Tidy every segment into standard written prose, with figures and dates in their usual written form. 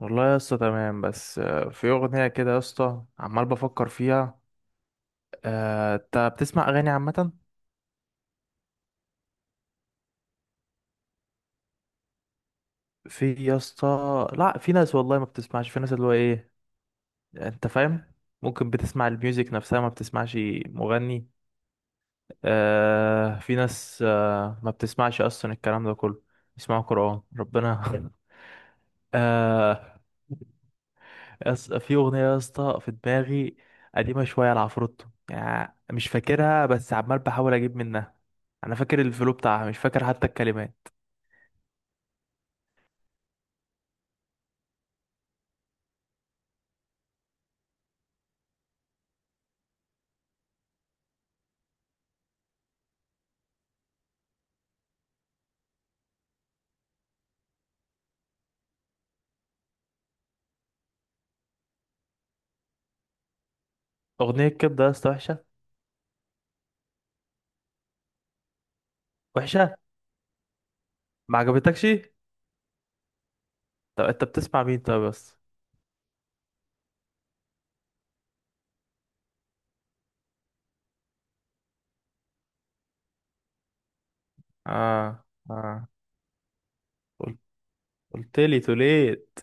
والله يا اسطى تمام بس في اغنيه كده يا اسطى عمال بفكر فيها. انت بتسمع اغاني عامه؟ في يا اسطى. لا، في ناس والله ما بتسمعش، في ناس اللي هو ايه. انت فاهم؟ ممكن بتسمع الميوزك نفسها ما بتسمعش مغني. آه، في ناس ما بتسمعش اصلا الكلام ده كله. بيسمعوا قرآن ربنا آه. يس، في أغنية يا اسطى في دماغي. قديمة شوية لعفروتو، يعني مش فاكرها بس عمال بحاول أجيب منها. أنا فاكر الفلو بتاعها مش فاكر حتى الكلمات. أغنية الكبدة يا اسطى وحشة. وحشة. ما عجبتكش. طب أنت بتسمع مين طب بس؟ آه. آه. قلت قلت لي توليت.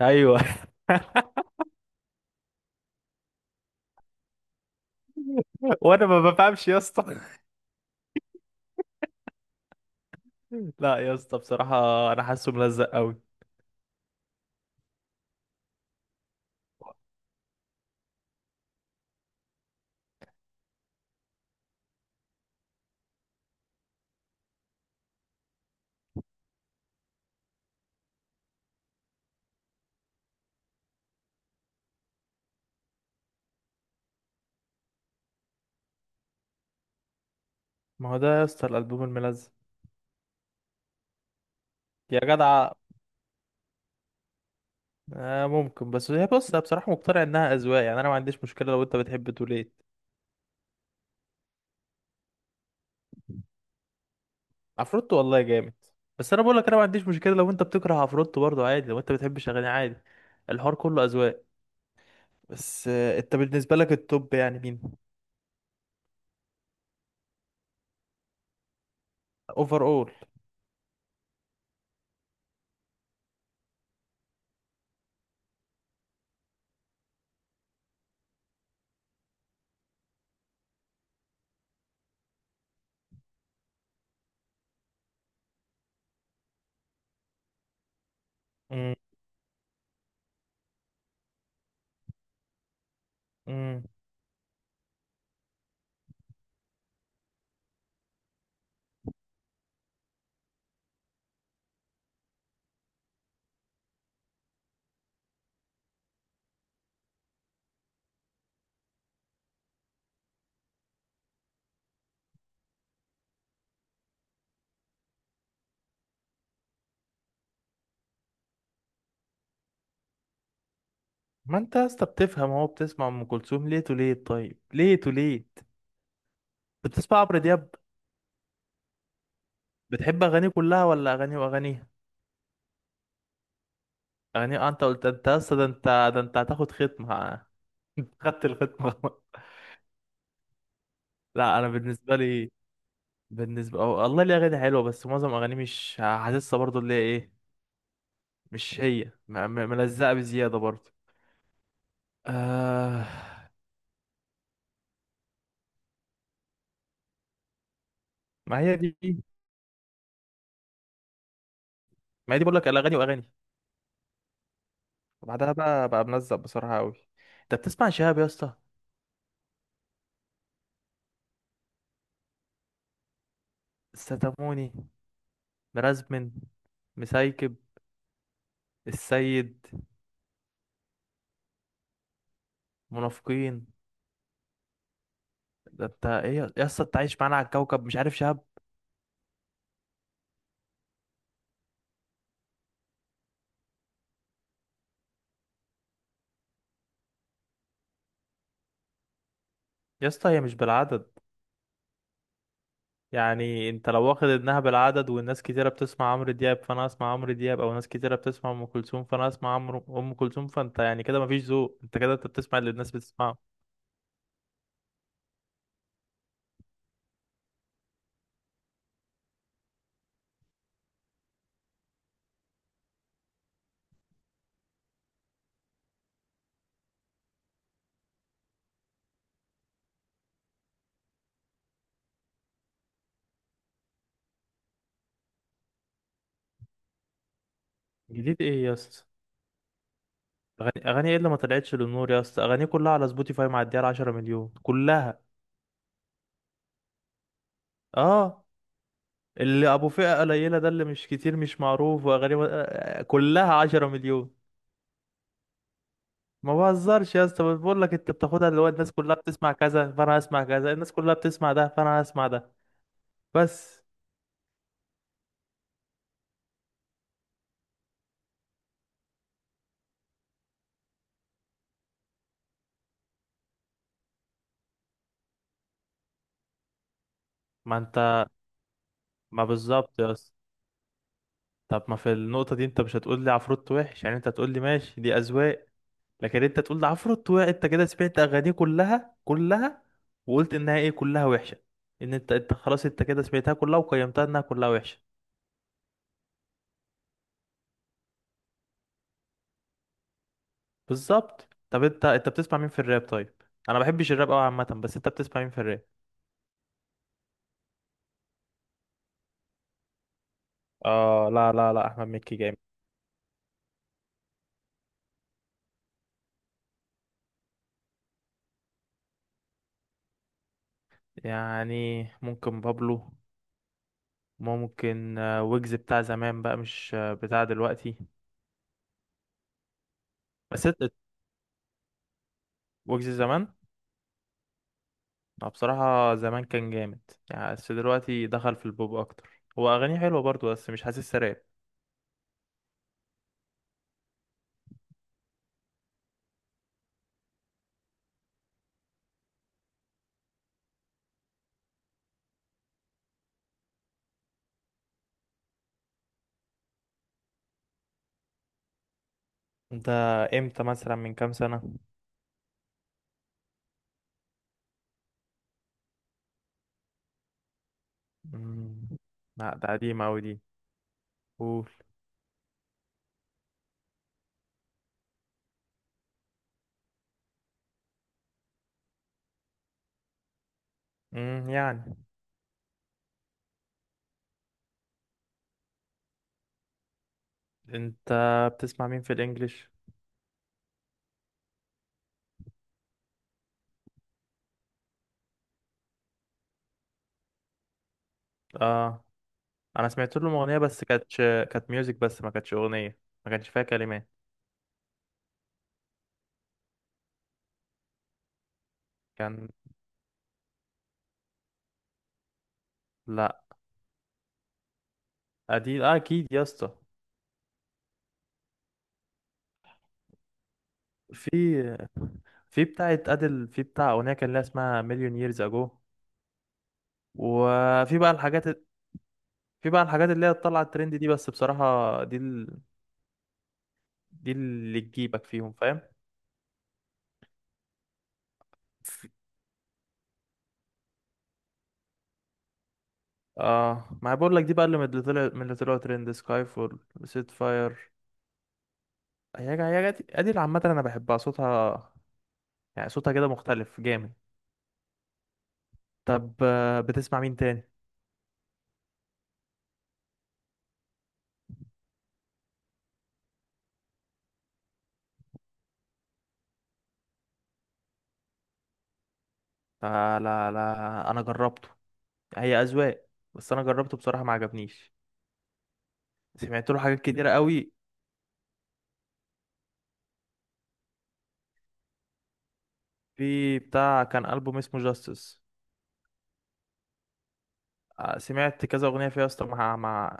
أيوه. وأنا ما بفهمش يا اسطى. لا يا اسطى بصراحة. أنا حاسه ملزق أوي. ما هو ده يا اسطى الألبوم الملزق. يا جدع. آه، ممكن، بس هي، بص، انا بصراحه مقتنع انها اذواق، يعني انا ما عنديش مشكله لو انت بتحب توليت. عفروتو والله جامد. بس انا بقول لك انا ما عنديش مشكله لو انت بتكره عفروتو برضو عادي، لو انت بتحبش اغاني عادي. الحوار كله اذواق. بس انت بالنسبه لك التوب يعني مين؟ اوفر اول. امم أمم. ما انت يا اسطى بتفهم اهو، بتسمع ام كلثوم، ليه توليت؟ طيب ليه توليت. بتسمع عمرو دياب؟ بتحب اغانيه كلها ولا اغانيه واغانيه؟ اغانيه. انت قلت، انت يا اسطى ده انت هتاخد ختمه. خدت الختمه. لا انا بالنسبه لي. بالنسبه، أو والله ليه اغاني حلوه بس معظم اغاني مش حاسسها برضو اللي هي ايه. مش هي ملزقه بزياده برضو. آه. ما هي دي. ما هي دي، بقول لك، الاغاني واغاني. وبعدها بقى ملزق بصراحه قوي. انت بتسمع شهاب يا اسطى؟ ستاموني. مرازمن. مسايكب. السيد. منافقين. ده انت ايه يا اسطى، انت عايش معانا على الكوكب مش عارف شهاب؟ يا اسطى هي مش بالعدد. يعني انت لو واخد انها بالعدد والناس كتيره بتسمع عمرو دياب فانا اسمع عمرو دياب، او ناس كتيره بتسمع ام كلثوم فانا اسمع عمرو ام كلثوم، فانت يعني كده مفيش ذوق، انت كده انت بتسمع اللي الناس بتسمعه. جديد ايه يا اسطى؟ اغاني ايه اللي ما طلعتش للنور يا اسطى؟ اغاني كلها على سبوتيفاي معديه على 10 مليون كلها. اه. اللي ابو فئه قليله ده اللي مش كتير مش معروف، واغاني كلها 10 مليون. ما بهزرش يا اسطى، بقول لك انت بتاخدها اللي هو الناس كلها بتسمع كذا فانا هسمع كذا، الناس كلها بتسمع ده فانا هسمع ده. بس. ما انت. ما بالظبط يا اسطى. طب، ما في النقطة دي انت مش هتقول لي عفروت وحش، يعني انت هتقول لي ماشي دي اذواق. لكن انت تقول لي عفروت وحش، انت كده سمعت اغانيه كلها كلها، وقلت انها ايه، كلها وحشة. ان انت، خلاص انت كده سمعتها كلها وقيمتها انها كلها وحشة. بالظبط. طب انت، بتسمع مين في الراب طيب؟ انا ما بحبش الراب قوي عامة، بس انت بتسمع مين في الراب؟ اه لا لا لا، احمد مكي جامد. يعني ممكن بابلو. ممكن ويجز بتاع زمان بقى، مش بتاع دلوقتي. بس ويجز زمان. اه بصراحة زمان كان جامد. يعني بس دلوقتي دخل في البوب أكتر، هو أغانيه حلوة برضو بس مش حاسسها راب. انت امتى مثلا، من كام سنة؟ مم. لا ده قديمة أوي دي. قول. يعني. انت بتسمع مين في الإنجليش؟ اه، أنا سمعت لهم أغنية بس كانتش، كانت ميوزك بس ما كانتش أغنية. ما كانش فيها كلمات. كان. لا. أدي أكيد يا اسطى. في. في بتاعة أدل، في بتاع أغنية كان لها اسمها مليون ييرز أجو. وفي بقى الحاجات. في بقى الحاجات اللي هي طالعه الترند دي، بس بصراحه دي دي اللي تجيبك فيهم فاهم. اه، ما أنا بقول لك دي بقى اللي من اللي طلعوا ترند سكاي فول. سيت فاير. دي ادي اللي عامه انا بحبها صوتها. يعني صوتها كده مختلف جامد. طب بتسمع مين تاني؟ آه لا لا، انا جربته. هي اذواق. بس انا جربته بصراحه ما عجبنيش. سمعت له حاجات كتيره قوي. في بتاع كان البوم اسمه جاستس. سمعت كذا اغنيه فيها يا اسطى مع.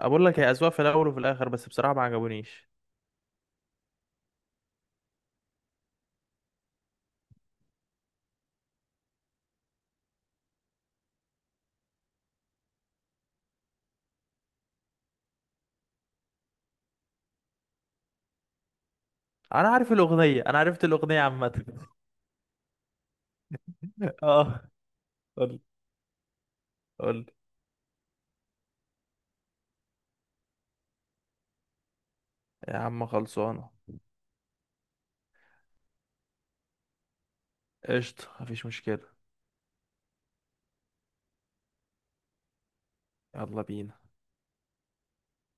اقول لك هي اذواق في الاول وفي الاخر بس بصراحه ما عجبونيش. انا عرفت الاغنيه عامه اه. قول. قول. يا عم خلصانه. قشطه، مفيش مشكله. يلا بينا.